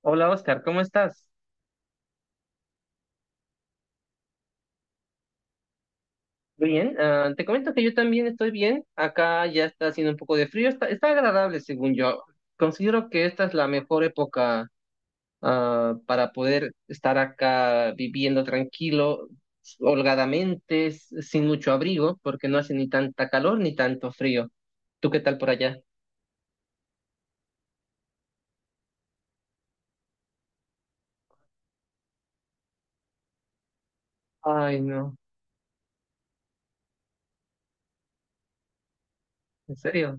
Hola Oscar, ¿cómo estás? Bien, te comento que yo también estoy bien. Acá ya está haciendo un poco de frío, está agradable según yo. Considero que esta es la mejor época para poder estar acá viviendo tranquilo, holgadamente, sin mucho abrigo, porque no hace ni tanta calor ni tanto frío. ¿Tú qué tal por allá? Ay, no, en serio.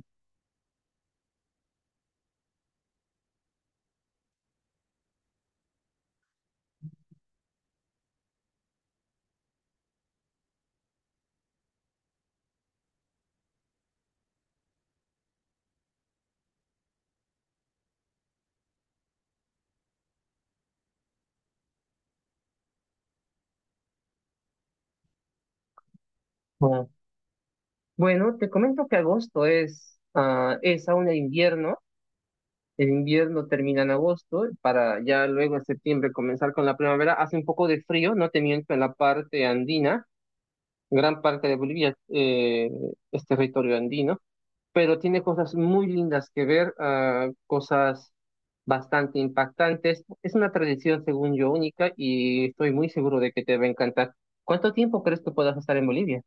Ah, Bueno, te comento que agosto es aún el invierno. El invierno termina en agosto para ya luego en septiembre comenzar con la primavera. Hace un poco de frío, no te miento, en la parte andina. Gran parte de Bolivia es territorio andino, pero tiene cosas muy lindas que ver, cosas bastante impactantes. Es una tradición, según yo, única, y estoy muy seguro de que te va a encantar. ¿Cuánto tiempo crees que puedas estar en Bolivia?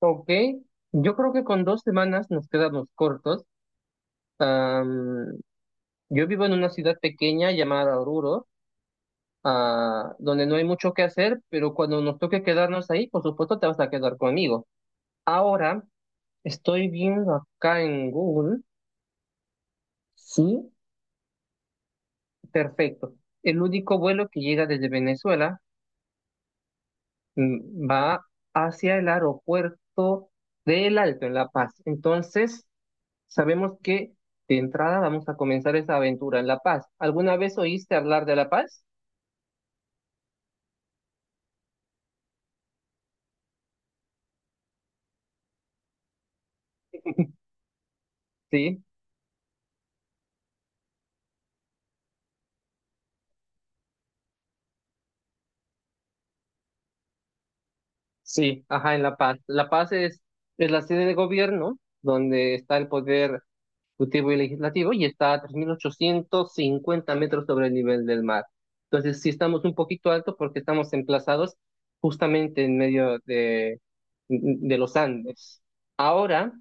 Ok, yo creo que con 2 semanas nos quedamos cortos. Am, Yo vivo en una ciudad pequeña llamada Oruro, donde no hay mucho que hacer, pero cuando nos toque quedarnos ahí, por supuesto te vas a quedar conmigo. Ahora estoy viendo acá en Google, sí, perfecto. El único vuelo que llega desde Venezuela va hacia el aeropuerto del Alto, en La Paz. Entonces, sabemos que de entrada vamos a comenzar esa aventura en La Paz. ¿Alguna vez oíste hablar de La Paz? Sí. Sí, ajá, en La Paz. La Paz es la sede de gobierno donde está el poder ejecutivo y legislativo, y está a 3.850 metros sobre el nivel del mar. Entonces, sí estamos un poquito alto porque estamos emplazados justamente en medio de los Andes. Ahora,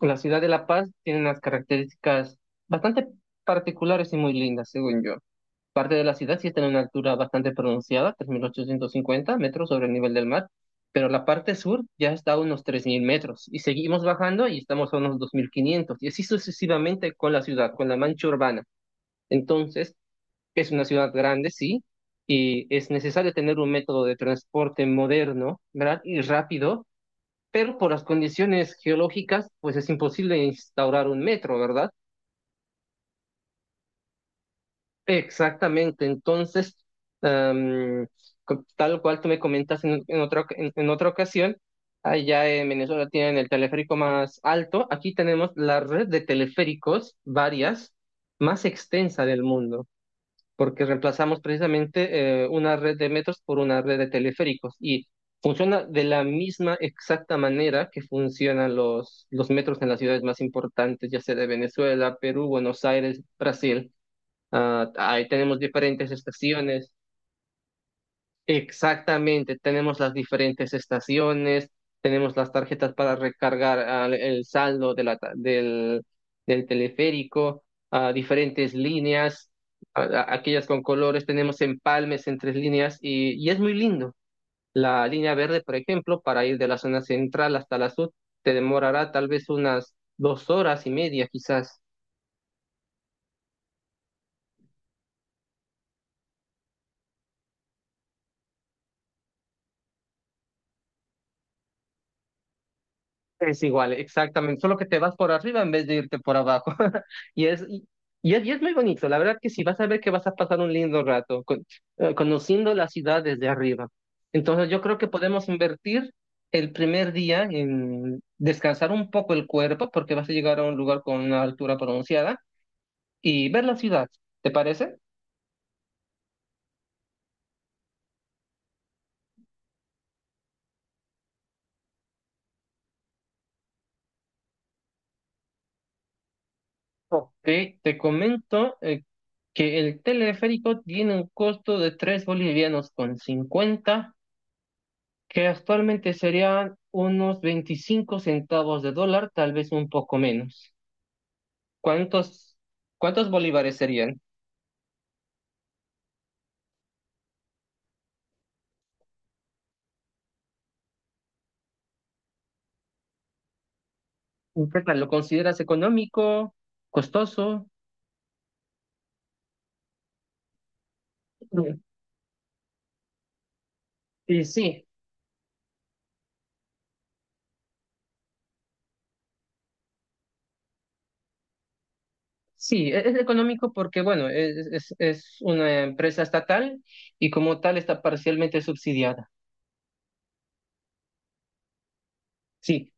la ciudad de La Paz tiene unas características bastante particulares y muy lindas, según yo. Parte de la ciudad sí está en una altura bastante pronunciada, 3.850 metros sobre el nivel del mar, pero la parte sur ya está a unos 3.000 metros, y seguimos bajando y estamos a unos 2.500, y así sucesivamente con la ciudad, con la mancha urbana. Entonces, es una ciudad grande, sí, y es necesario tener un método de transporte moderno, ¿verdad? Y rápido, pero por las condiciones geológicas, pues es imposible instaurar un metro, ¿verdad? Exactamente, entonces, am, tal cual tú me comentas en otra ocasión, allá en Venezuela tienen el teleférico más alto; aquí tenemos la red de teleféricos, varias, más extensa del mundo, porque reemplazamos precisamente una red de metros por una red de teleféricos, y funciona de la misma exacta manera que funcionan los metros en las ciudades más importantes, ya sea de Venezuela, Perú, Buenos Aires, Brasil. Ah, ahí tenemos diferentes estaciones. Exactamente, tenemos las diferentes estaciones, tenemos las tarjetas para recargar el saldo de del teleférico, diferentes líneas, aquellas con colores; tenemos empalmes en tres líneas, y es muy lindo. La línea verde, por ejemplo, para ir de la zona central hasta la sur, te demorará tal vez unas 2 horas y media, quizás. Es igual, exactamente, solo que te vas por arriba en vez de irte por abajo. Y es, y, y es muy bonito, la verdad que sí; vas a ver que vas a pasar un lindo rato conociendo la ciudad desde arriba. Entonces yo creo que podemos invertir el primer día en descansar un poco el cuerpo, porque vas a llegar a un lugar con una altura pronunciada, y ver la ciudad. ¿Te parece? Ok, te comento que el teleférico tiene un costo de 3,50 bolivianos, que actualmente serían unos 25 centavos de dólar, tal vez un poco menos. ¿Cuántos, cuántos bolívares serían? ¿Qué tal? ¿Lo consideras económico, costoso? Y sí, sí, es económico porque, bueno, es una empresa estatal y como tal está parcialmente subsidiada. Sí,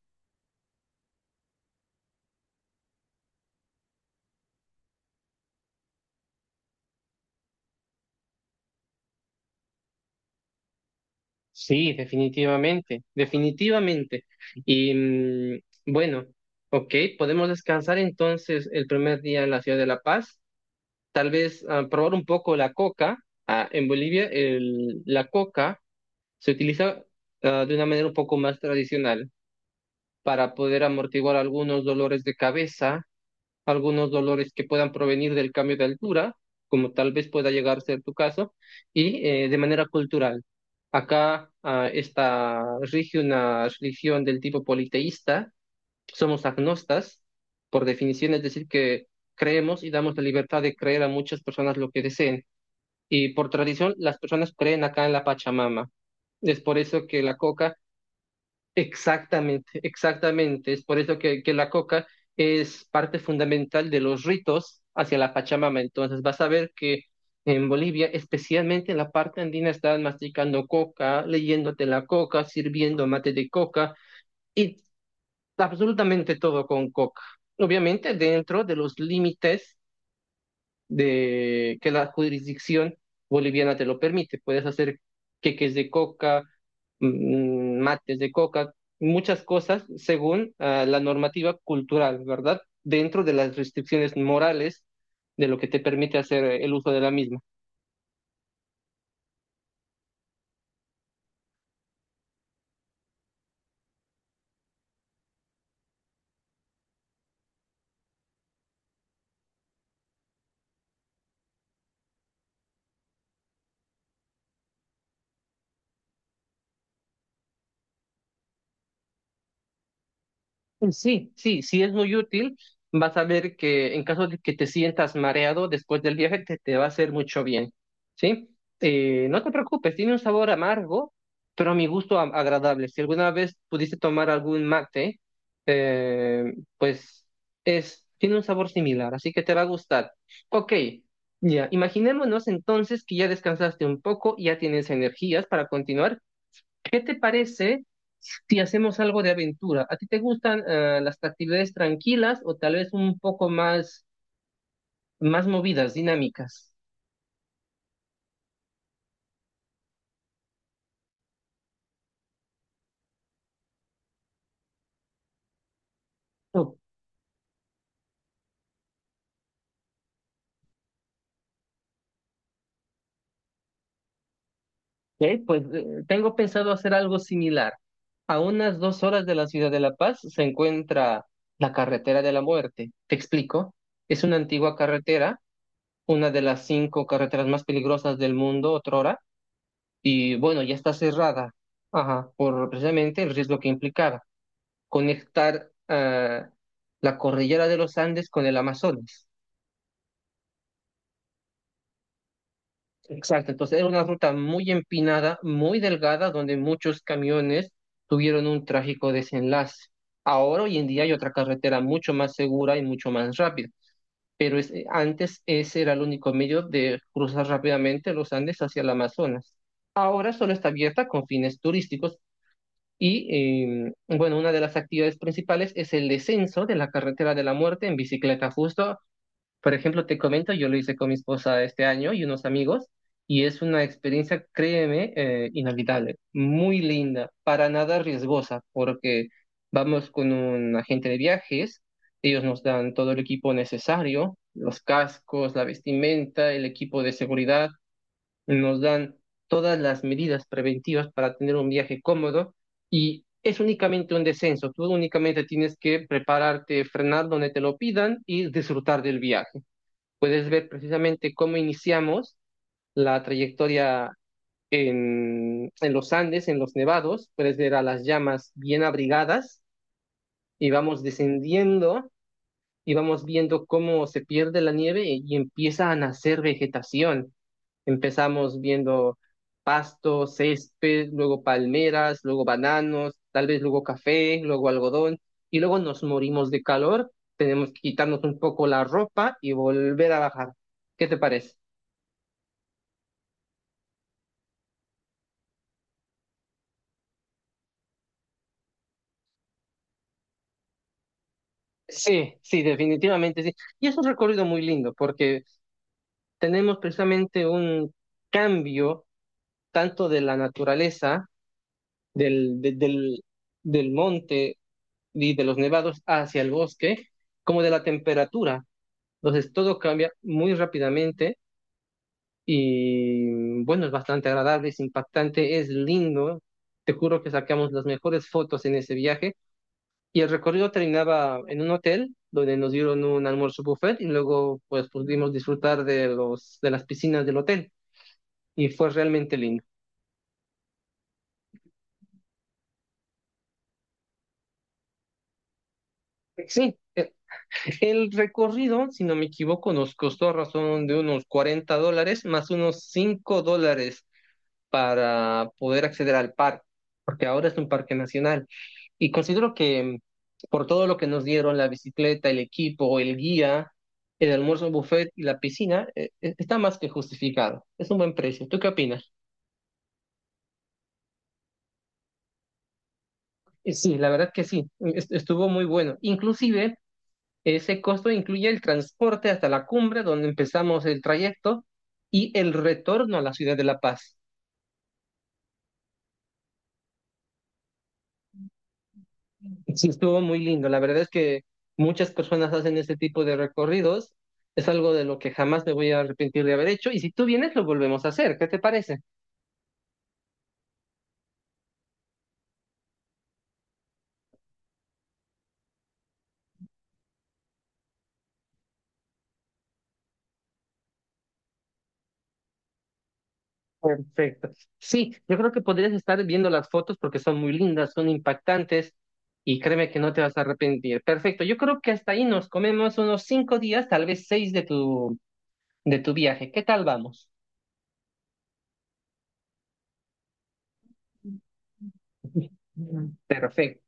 sí, definitivamente, definitivamente. Y bueno, ok, podemos descansar entonces el primer día en la ciudad de La Paz, tal vez probar un poco la coca. En Bolivia la coca se utiliza de una manera un poco más tradicional, para poder amortiguar algunos dolores de cabeza, algunos dolores que puedan provenir del cambio de altura, como tal vez pueda llegar a ser tu caso, y de manera cultural. Acá está rige una religión del tipo politeísta; somos agnostas, por definición, es decir, que creemos y damos la libertad de creer a muchas personas lo que deseen. Y por tradición, las personas creen acá en la Pachamama. Es por eso que la coca, exactamente, exactamente, es por eso que la coca es parte fundamental de los ritos hacia la Pachamama. Entonces vas a ver que en Bolivia, especialmente en la parte andina, están masticando coca, leyéndote la coca, sirviendo mate de coca y absolutamente todo con coca. Obviamente dentro de los límites de que la jurisdicción boliviana te lo permite. Puedes hacer queques de coca, mates de coca, muchas cosas según la normativa cultural, ¿verdad? Dentro de las restricciones morales de lo que te permite hacer el uso de la misma. Sí, sí, sí es muy útil. Vas a ver que, en caso de que te sientas mareado después del viaje, te va a hacer mucho bien, ¿sí? No te preocupes, tiene un sabor amargo, pero a mi gusto agradable. Si alguna vez pudiste tomar algún mate, pues tiene un sabor similar, así que te va a gustar. Ok, ya, imaginémonos entonces que ya descansaste un poco y ya tienes energías para continuar. ¿Qué te parece si hacemos algo de aventura? ¿A ti te gustan las actividades tranquilas, o tal vez un poco más, más movidas, dinámicas? Ok, pues tengo pensado hacer algo similar. A unas 2 horas de la ciudad de La Paz se encuentra la carretera de la muerte. Te explico. Es una antigua carretera, una de las cinco carreteras más peligrosas del mundo, otrora, y bueno, ya está cerrada, ajá, por precisamente el riesgo que implicaba conectar la cordillera de los Andes con el Amazonas. Exacto, entonces era una ruta muy empinada, muy delgada, donde muchos camiones tuvieron un trágico desenlace. Ahora, hoy en día, hay otra carretera mucho más segura y mucho más rápida, pero antes ese era el único medio de cruzar rápidamente los Andes hacia el Amazonas. Ahora solo está abierta con fines turísticos y, bueno, una de las actividades principales es el descenso de la carretera de la muerte en bicicleta. Justo Por ejemplo, te comento, yo lo hice con mi esposa este año y unos amigos, y es una experiencia, créeme, inolvidable, muy linda, para nada riesgosa, porque vamos con un agente de viajes; ellos nos dan todo el equipo necesario, los cascos, la vestimenta, el equipo de seguridad, nos dan todas las medidas preventivas para tener un viaje cómodo, y es únicamente un descenso; tú únicamente tienes que prepararte, frenar donde te lo pidan y disfrutar del viaje. Puedes ver precisamente cómo iniciamos la trayectoria en los Andes, en los nevados; puedes ver a las llamas bien abrigadas, y vamos descendiendo y vamos viendo cómo se pierde la nieve, y empieza a nacer vegetación. Empezamos viendo pasto, césped, luego palmeras, luego bananos, tal vez luego café, luego algodón, y luego nos morimos de calor, tenemos que quitarnos un poco la ropa y volver a bajar. ¿Qué te parece? Sí, sí, definitivamente sí. Y es un recorrido muy lindo porque tenemos precisamente un cambio, tanto de la naturaleza, del, de- del, del monte y de los nevados hacia el bosque, como de la temperatura. Entonces todo cambia muy rápidamente, y bueno, es bastante agradable, es impactante, es lindo. Te juro que sacamos las mejores fotos en ese viaje. Y el recorrido terminaba en un hotel donde nos dieron un almuerzo buffet, y luego pues pudimos disfrutar de los de las piscinas del hotel, y fue realmente lindo. Sí, el recorrido, si no me equivoco, nos costó a razón de unos 40 dólares más unos 5 dólares para poder acceder al parque, porque ahora es un parque nacional. Y considero que por todo lo que nos dieron, la bicicleta, el equipo, el guía, el almuerzo buffet y la piscina, está más que justificado. Es un buen precio. ¿Tú qué opinas? Sí, la verdad que sí, estuvo muy bueno. Inclusive, ese costo incluye el transporte hasta la cumbre, donde empezamos el trayecto, y el retorno a la ciudad de La Paz. Sí, estuvo muy lindo. La verdad es que muchas personas hacen este tipo de recorridos. Es algo de lo que jamás me voy a arrepentir de haber hecho. Y si tú vienes, lo volvemos a hacer. ¿Qué te parece? Perfecto. Sí, yo creo que podrías estar viendo las fotos porque son muy lindas, son impactantes, y créeme que no te vas a arrepentir. Perfecto. Yo creo que hasta ahí nos comemos unos 5 días, tal vez seis de tu viaje. ¿Qué tal vamos? Perfecto.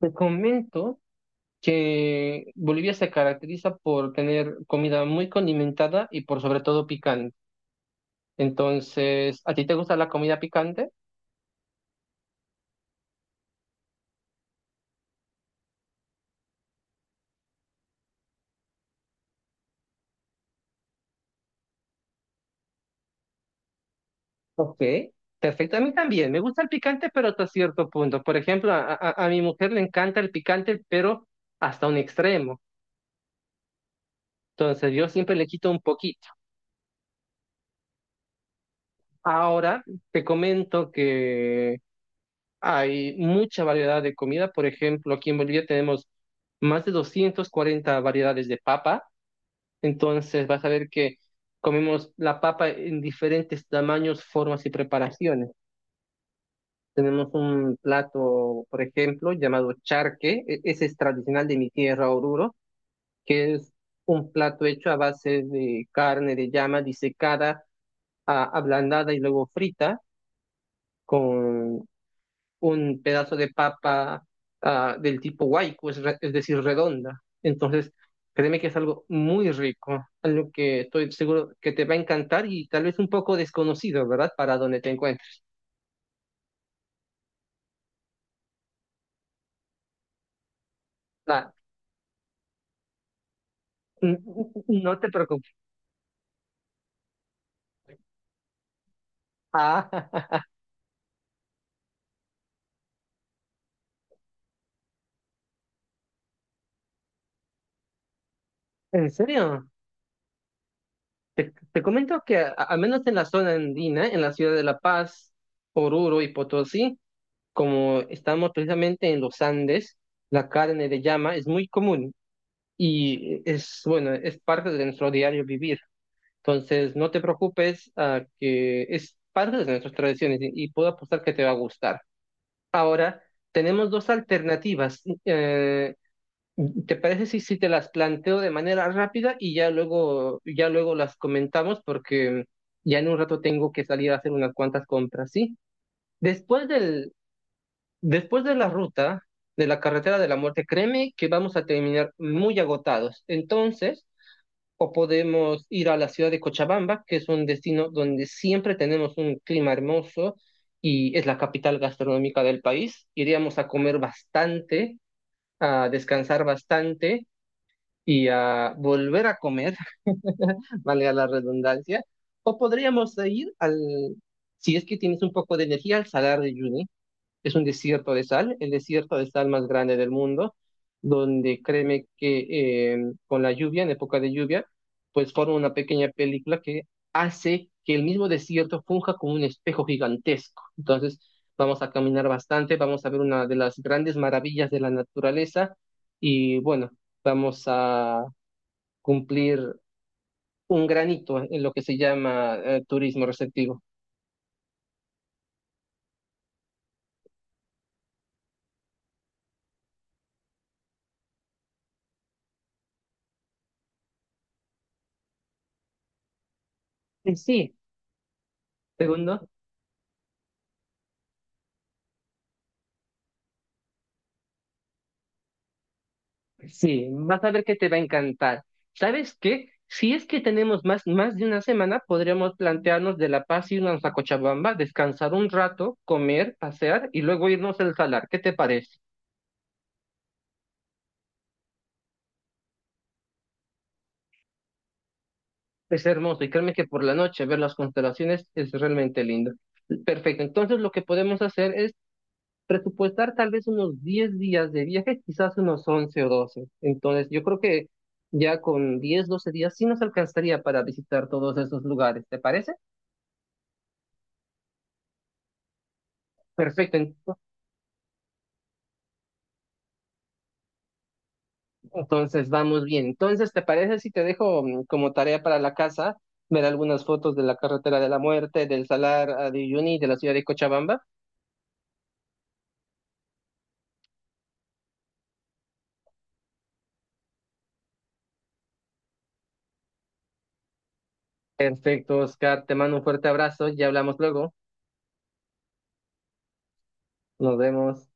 Te comento que Bolivia se caracteriza por tener comida muy condimentada y por sobre todo picante. Entonces, ¿a ti te gusta la comida picante? Ok, perfecto. A mí también, me gusta el picante, pero hasta cierto punto. Por ejemplo, a mi mujer le encanta el picante, pero hasta un extremo. Entonces, yo siempre le quito un poquito. Ahora, te comento que hay mucha variedad de comida. Por ejemplo, aquí en Bolivia tenemos más de 240 variedades de papa. Entonces vas a ver que comemos la papa en diferentes tamaños, formas y preparaciones. Tenemos un plato, por ejemplo, llamado charque. Ese es tradicional de mi tierra, Oruro, que es un plato hecho a base de carne de llama disecada, ablandada y luego frita con un pedazo de papa del tipo waiku, es, es decir, redonda. Entonces, créeme que es algo muy rico, algo que estoy seguro que te va a encantar y tal vez un poco desconocido, ¿verdad? Para donde te encuentres. Ah, no te preocupes. Ah, ¿en serio? Te comento que al menos en la zona andina, en la ciudad de La Paz, Oruro y Potosí, como estamos precisamente en los Andes, la carne de llama es muy común y es, bueno, es parte de nuestro diario vivir. Entonces, no te preocupes, que es parte de nuestras tradiciones y puedo apostar que te va a gustar. Ahora, tenemos dos alternativas. ¿Te parece si, si te las planteo de manera rápida y ya luego las comentamos, porque ya en un rato tengo que salir a hacer unas cuantas compras, sí? Después del, Después de la ruta de la carretera de la muerte, créeme que vamos a terminar muy agotados. Entonces, o podemos ir a la ciudad de Cochabamba, que es un destino donde siempre tenemos un clima hermoso y es la capital gastronómica del país. Iríamos a comer bastante, a descansar bastante y a volver a comer, valga la redundancia. O podríamos ir al, si es que tienes un poco de energía, al Salar de Uyuni. Es un desierto de sal, el desierto de sal más grande del mundo, donde créeme que con la lluvia, en época de lluvia, pues forma una pequeña película que hace que el mismo desierto funja como un espejo gigantesco. Entonces, vamos a caminar bastante, vamos a ver una de las grandes maravillas de la naturaleza y bueno, vamos a cumplir un granito en lo que se llama turismo receptivo. Sí, segundo. Sí, vas a ver que te va a encantar. ¿Sabes qué? Si es que tenemos más de una semana, podríamos plantearnos de La Paz irnos a Cochabamba, descansar un rato, comer, pasear y luego irnos al salar. ¿Qué te parece? Es hermoso y créeme que por la noche ver las constelaciones es realmente lindo. Perfecto, entonces lo que podemos hacer es presupuestar tal vez unos 10 días de viaje, quizás unos 11 o 12. Entonces yo creo que ya con 10, 12 días sí nos alcanzaría para visitar todos esos lugares. ¿Te parece? Perfecto, entonces vamos bien. Entonces, ¿te parece si te dejo como tarea para la casa ver algunas fotos de la carretera de la muerte, del Salar a de Uyuni, de la ciudad de Cochabamba? Perfecto, Oscar, te mando un fuerte abrazo, ya hablamos luego. Nos vemos.